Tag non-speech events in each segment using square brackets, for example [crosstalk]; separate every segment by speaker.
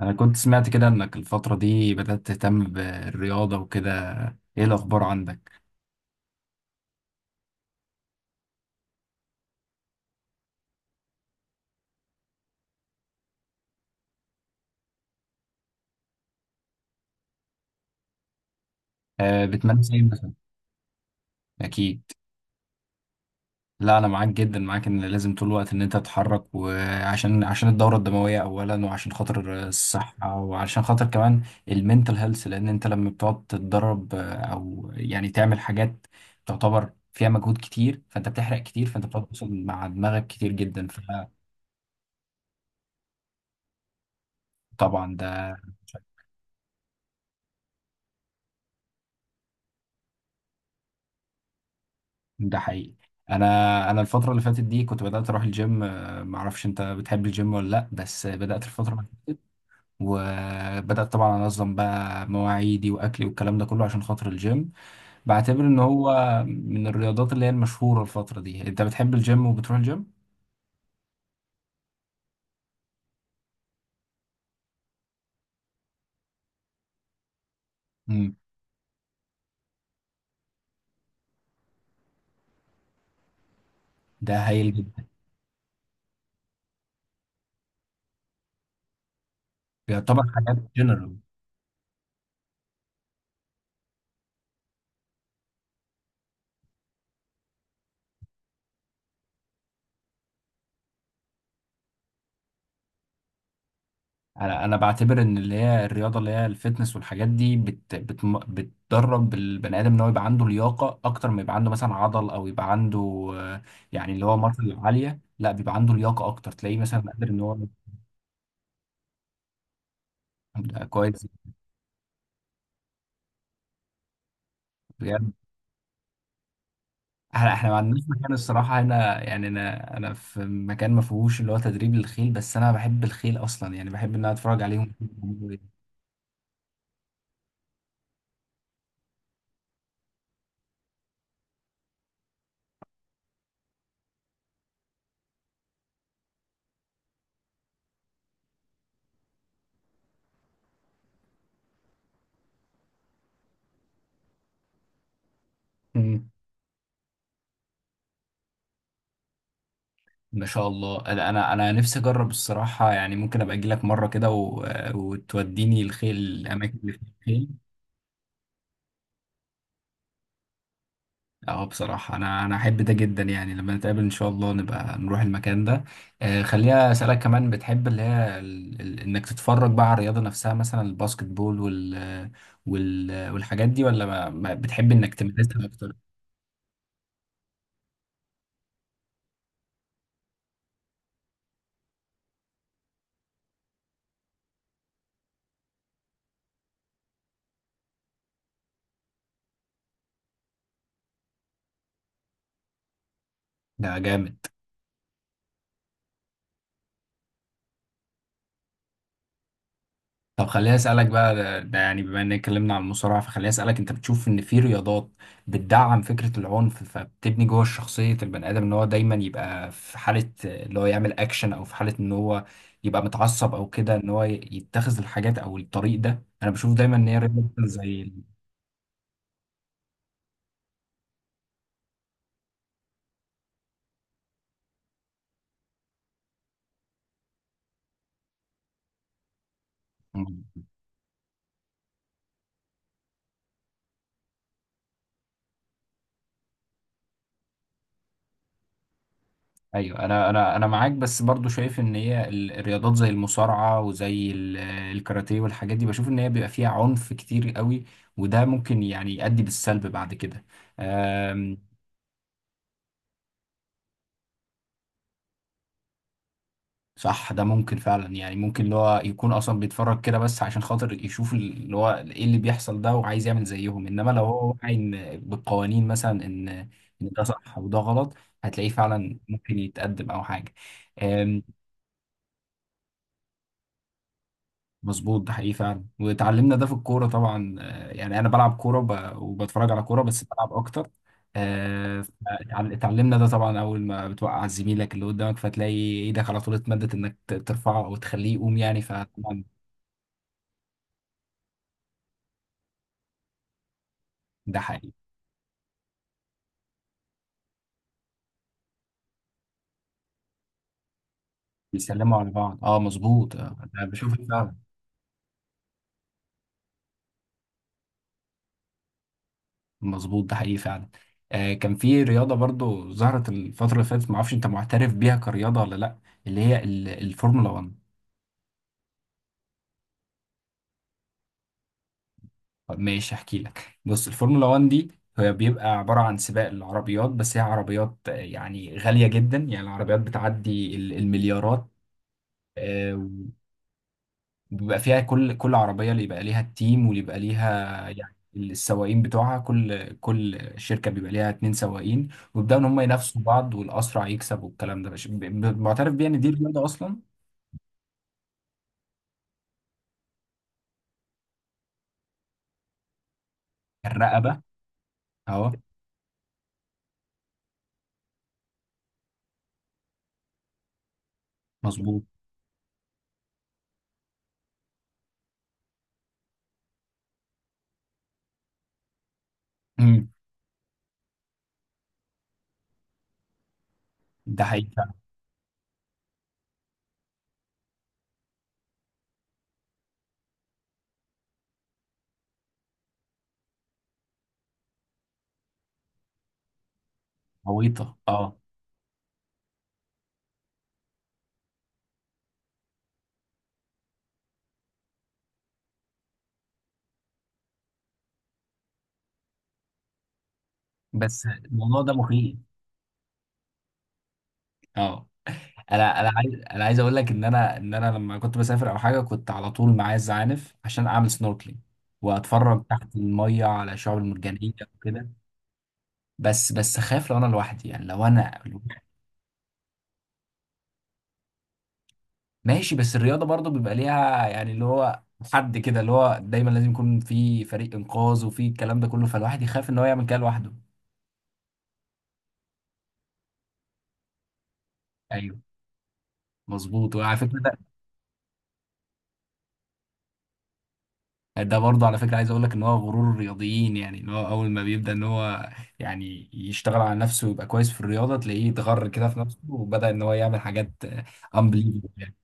Speaker 1: انا كنت سمعت كده انك الفترة دي بدأت تهتم بالرياضة وكده. ايه الاخبار عندك؟ بتمارس ايه مثلا؟ اكيد. لا، انا معاك جدا، ان لازم طول الوقت ان انت تتحرك، وعشان الدورة الدموية اولا، وعشان خاطر الصحة، وعشان خاطر كمان المنتل هيلث، لان انت لما بتقعد تتدرب، او يعني تعمل حاجات تعتبر فيها مجهود كتير، فانت بتحرق كتير، فانت بتقعد تتواصل مع دماغك كتير جدا. فطبعا ده. ده حقيقي. انا انا الفتره اللي فاتت دي كنت بدات اروح الجيم، ما اعرفش انت بتحب الجيم ولا لا، بس بدات الفتره اللي فاتت، وبدات طبعا انظم بقى مواعيدي واكلي والكلام ده كله عشان خاطر الجيم. بعتبر ان هو من الرياضات اللي هي المشهوره الفتره دي. انت بتحب الجيم وبتروح الجيم؟ امم. ده هايل جدا. يعتبر حاجات جنرال. انا بعتبر ان اللي هي الرياضه، اللي هي الفتنس والحاجات دي، بت بت بتدرب البني ادم ان هو يبقى عنده لياقه اكتر، ما يبقى عنده مثلا عضل، او يبقى عنده آه، يعني اللي هو ماسل عاليه. لا، بيبقى عنده لياقه اكتر، تلاقيه مثلا قادر ان هو. ده كويس. بجد؟ احنا ما عندناش مكان الصراحه هنا، يعني انا في مكان ما فيهوش اللي هو تدريب للخيل، بس انا بحب الخيل اصلا، يعني بحب ان انا اتفرج عليهم. [laughs] ما شاء الله. انا نفسي اجرب الصراحه، يعني ممكن ابقى اجي لك مره كده وتوديني الخيل، الاماكن اللي فيها الخيل. اه، بصراحه انا احب ده جدا، يعني لما نتقابل ان شاء الله نبقى نروح المكان ده. خليها، اسالك كمان، بتحب اللي هي انك تتفرج بقى على الرياضه نفسها، مثلا الباسكت بول والحاجات دي، ولا ما بتحب انك تمارسها اكتر؟ ده جامد. طب خليني اسالك بقى. ده يعني بما ان اتكلمنا عن المصارعه، فخليني اسالك، انت بتشوف ان في رياضات بتدعم فكره العنف، فبتبني جوه شخصيه البني ادم ان هو دايما يبقى في حاله اللي هو يعمل اكشن، او في حاله ان هو يبقى متعصب او كده، ان هو يتخذ الحاجات او الطريق ده. انا بشوف دايما ان هي رياضه زي ال- ايوه. انا معاك، بس برضو شايف ان هي الرياضات زي المصارعه وزي الكاراتيه والحاجات دي، بشوف ان هي بيبقى فيها عنف كتير قوي، وده ممكن يعني يؤدي بالسلب بعد كده. أم، صح، ده ممكن فعلا. يعني ممكن اللي هو يكون اصلا بيتفرج كده بس عشان خاطر يشوف اللي هو ايه اللي بيحصل ده، وعايز يعمل زيهم. انما لو هو واعي بالقوانين، مثلا ان ده صح وده غلط، هتلاقيه فعلا ممكن يتقدم او حاجه. آمم، مظبوط. ده حقيقي فعلا. واتعلمنا ده في الكوره طبعا، يعني انا بلعب كوره وبتفرج على كوره، بس بلعب اكتر. اتعلمنا ده طبعا. اول ما بتوقع زميلك اللي قدامك، فتلاقي ايدك على طول اتمدت انك ترفعه او تخليه يقوم، يعني، فطبعا ده حقيقي. بيسلموا على بعض، اه مظبوط. انا بشوف فعلا. مظبوط ده حقيقي فعلا. كان في رياضه برضو ظهرت الفتره اللي فاتت، ما اعرفش انت معترف بيها كرياضه ولا لا. اللي هي الفورمولا 1. طب ماشي، احكي لك. بص، الفورمولا 1 دي هي بيبقى عبارة عن سباق العربيات، بس هي عربيات يعني غالية جدا، يعني العربيات بتعدي المليارات. آه، وبيبقى فيها كل عربية اللي يبقى ليها التيم واللي يبقى ليها، يعني السواقين بتوعها. كل شركة بيبقى ليها اتنين سواقين، ويبدأوا إن هم ينافسوا بعض، والأسرع يكسب. والكلام ده مش معترف بيه إن دي رياضة أصلا. الرقبة. أهو. مظبوط. مم. ده حقيقة. عويطة أه. بس الموضوع ده مخيف. اه، انا عايز اقول لك ان انا لما كنت بسافر او حاجه، كنت على طول معايا الزعانف عشان اعمل سنوركلينج، واتفرج تحت الميه على الشعاب المرجانيه وكده. بس اخاف لو انا لوحدي، يعني لو انا لوحدي. ماشي. بس الرياضه برضو بيبقى ليها يعني اللي هو حد كده اللي هو دايما لازم يكون في فريق انقاذ وفي الكلام ده كله، فالواحد يخاف ان هو يعمل كده لوحده. ايوه مظبوط. وعلى فكره. ده برضه على فكرة عايز اقول لك ان هو غرور الرياضيين، يعني ان هو اول ما بيبدأ ان هو يعني يشتغل على نفسه ويبقى كويس في الرياضة، تلاقيه اتغر كده في نفسه، وبدأ ان هو يعمل حاجات unbelievable يعني.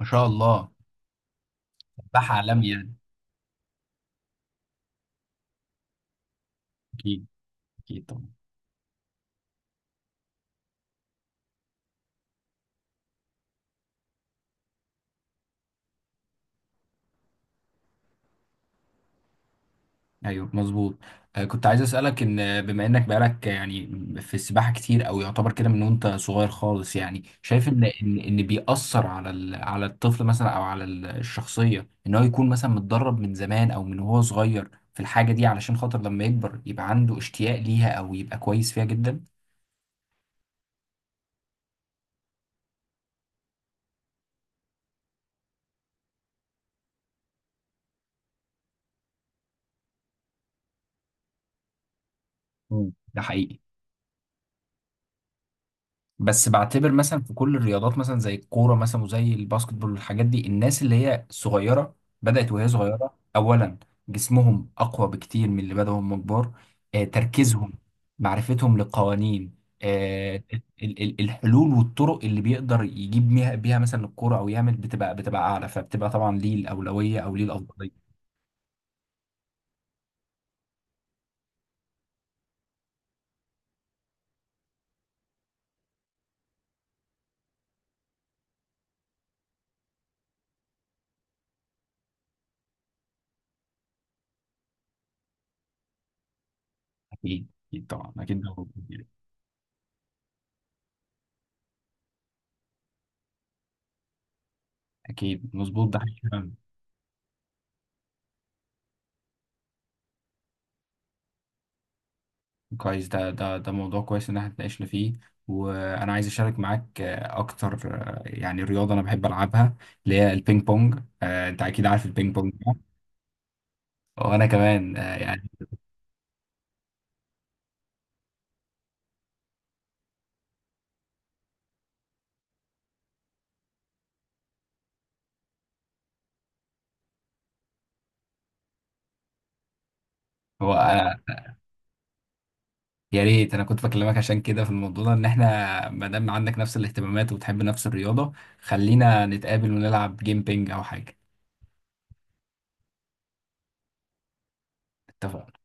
Speaker 1: ما شاء الله. سباح عالمي يعني. اكيد، اكيد طبعا. ايوه مظبوط. كنت عايز اسالك ان بما انك بقالك، يعني في السباحه كتير، او يعتبر كده من وانت صغير خالص، يعني شايف ان بيأثر على على الطفل مثلا، او على الشخصيه، ان هو يكون مثلا متدرب من زمان او من وهو صغير في الحاجه دي، علشان خاطر لما يكبر يبقى عنده اشتياق ليها او يبقى كويس فيها جدا. مم. ده حقيقي. بس بعتبر مثلا في كل الرياضات، مثلا زي الكوره مثلا وزي الباسكت بول والحاجات دي، الناس اللي هي صغيره بدات وهي صغيره اولا، جسمهم اقوى بكتير من اللي بدأوا هم كبار. تركيزهم، معرفتهم للقوانين، آه، ال- الحلول والطرق اللي بيقدر يجيب بيها مثلا الكوره او يعمل، بتبقى اعلى، فبتبقى طبعا ليه الاولويه او ليه الافضليه. اكيد، اكيد طبعا، اكيد ده موجود يعني. اكيد مظبوط ده حقيقي. كويس. ده موضوع كويس ان احنا اتناقشنا فيه، وانا عايز اشارك معاك اكتر. يعني رياضه انا بحب العبها، اللي هي البينج بونج. انت اكيد عارف البينج بونج ده. وانا كمان، يعني. هو آه، يا ريت انا كنت بكلمك عشان كده في الموضوع ده، ان احنا ما دام عندك نفس الاهتمامات وبتحب نفس الرياضه، خلينا نتقابل ونلعب جيم بينج او حاجه. اتفقنا.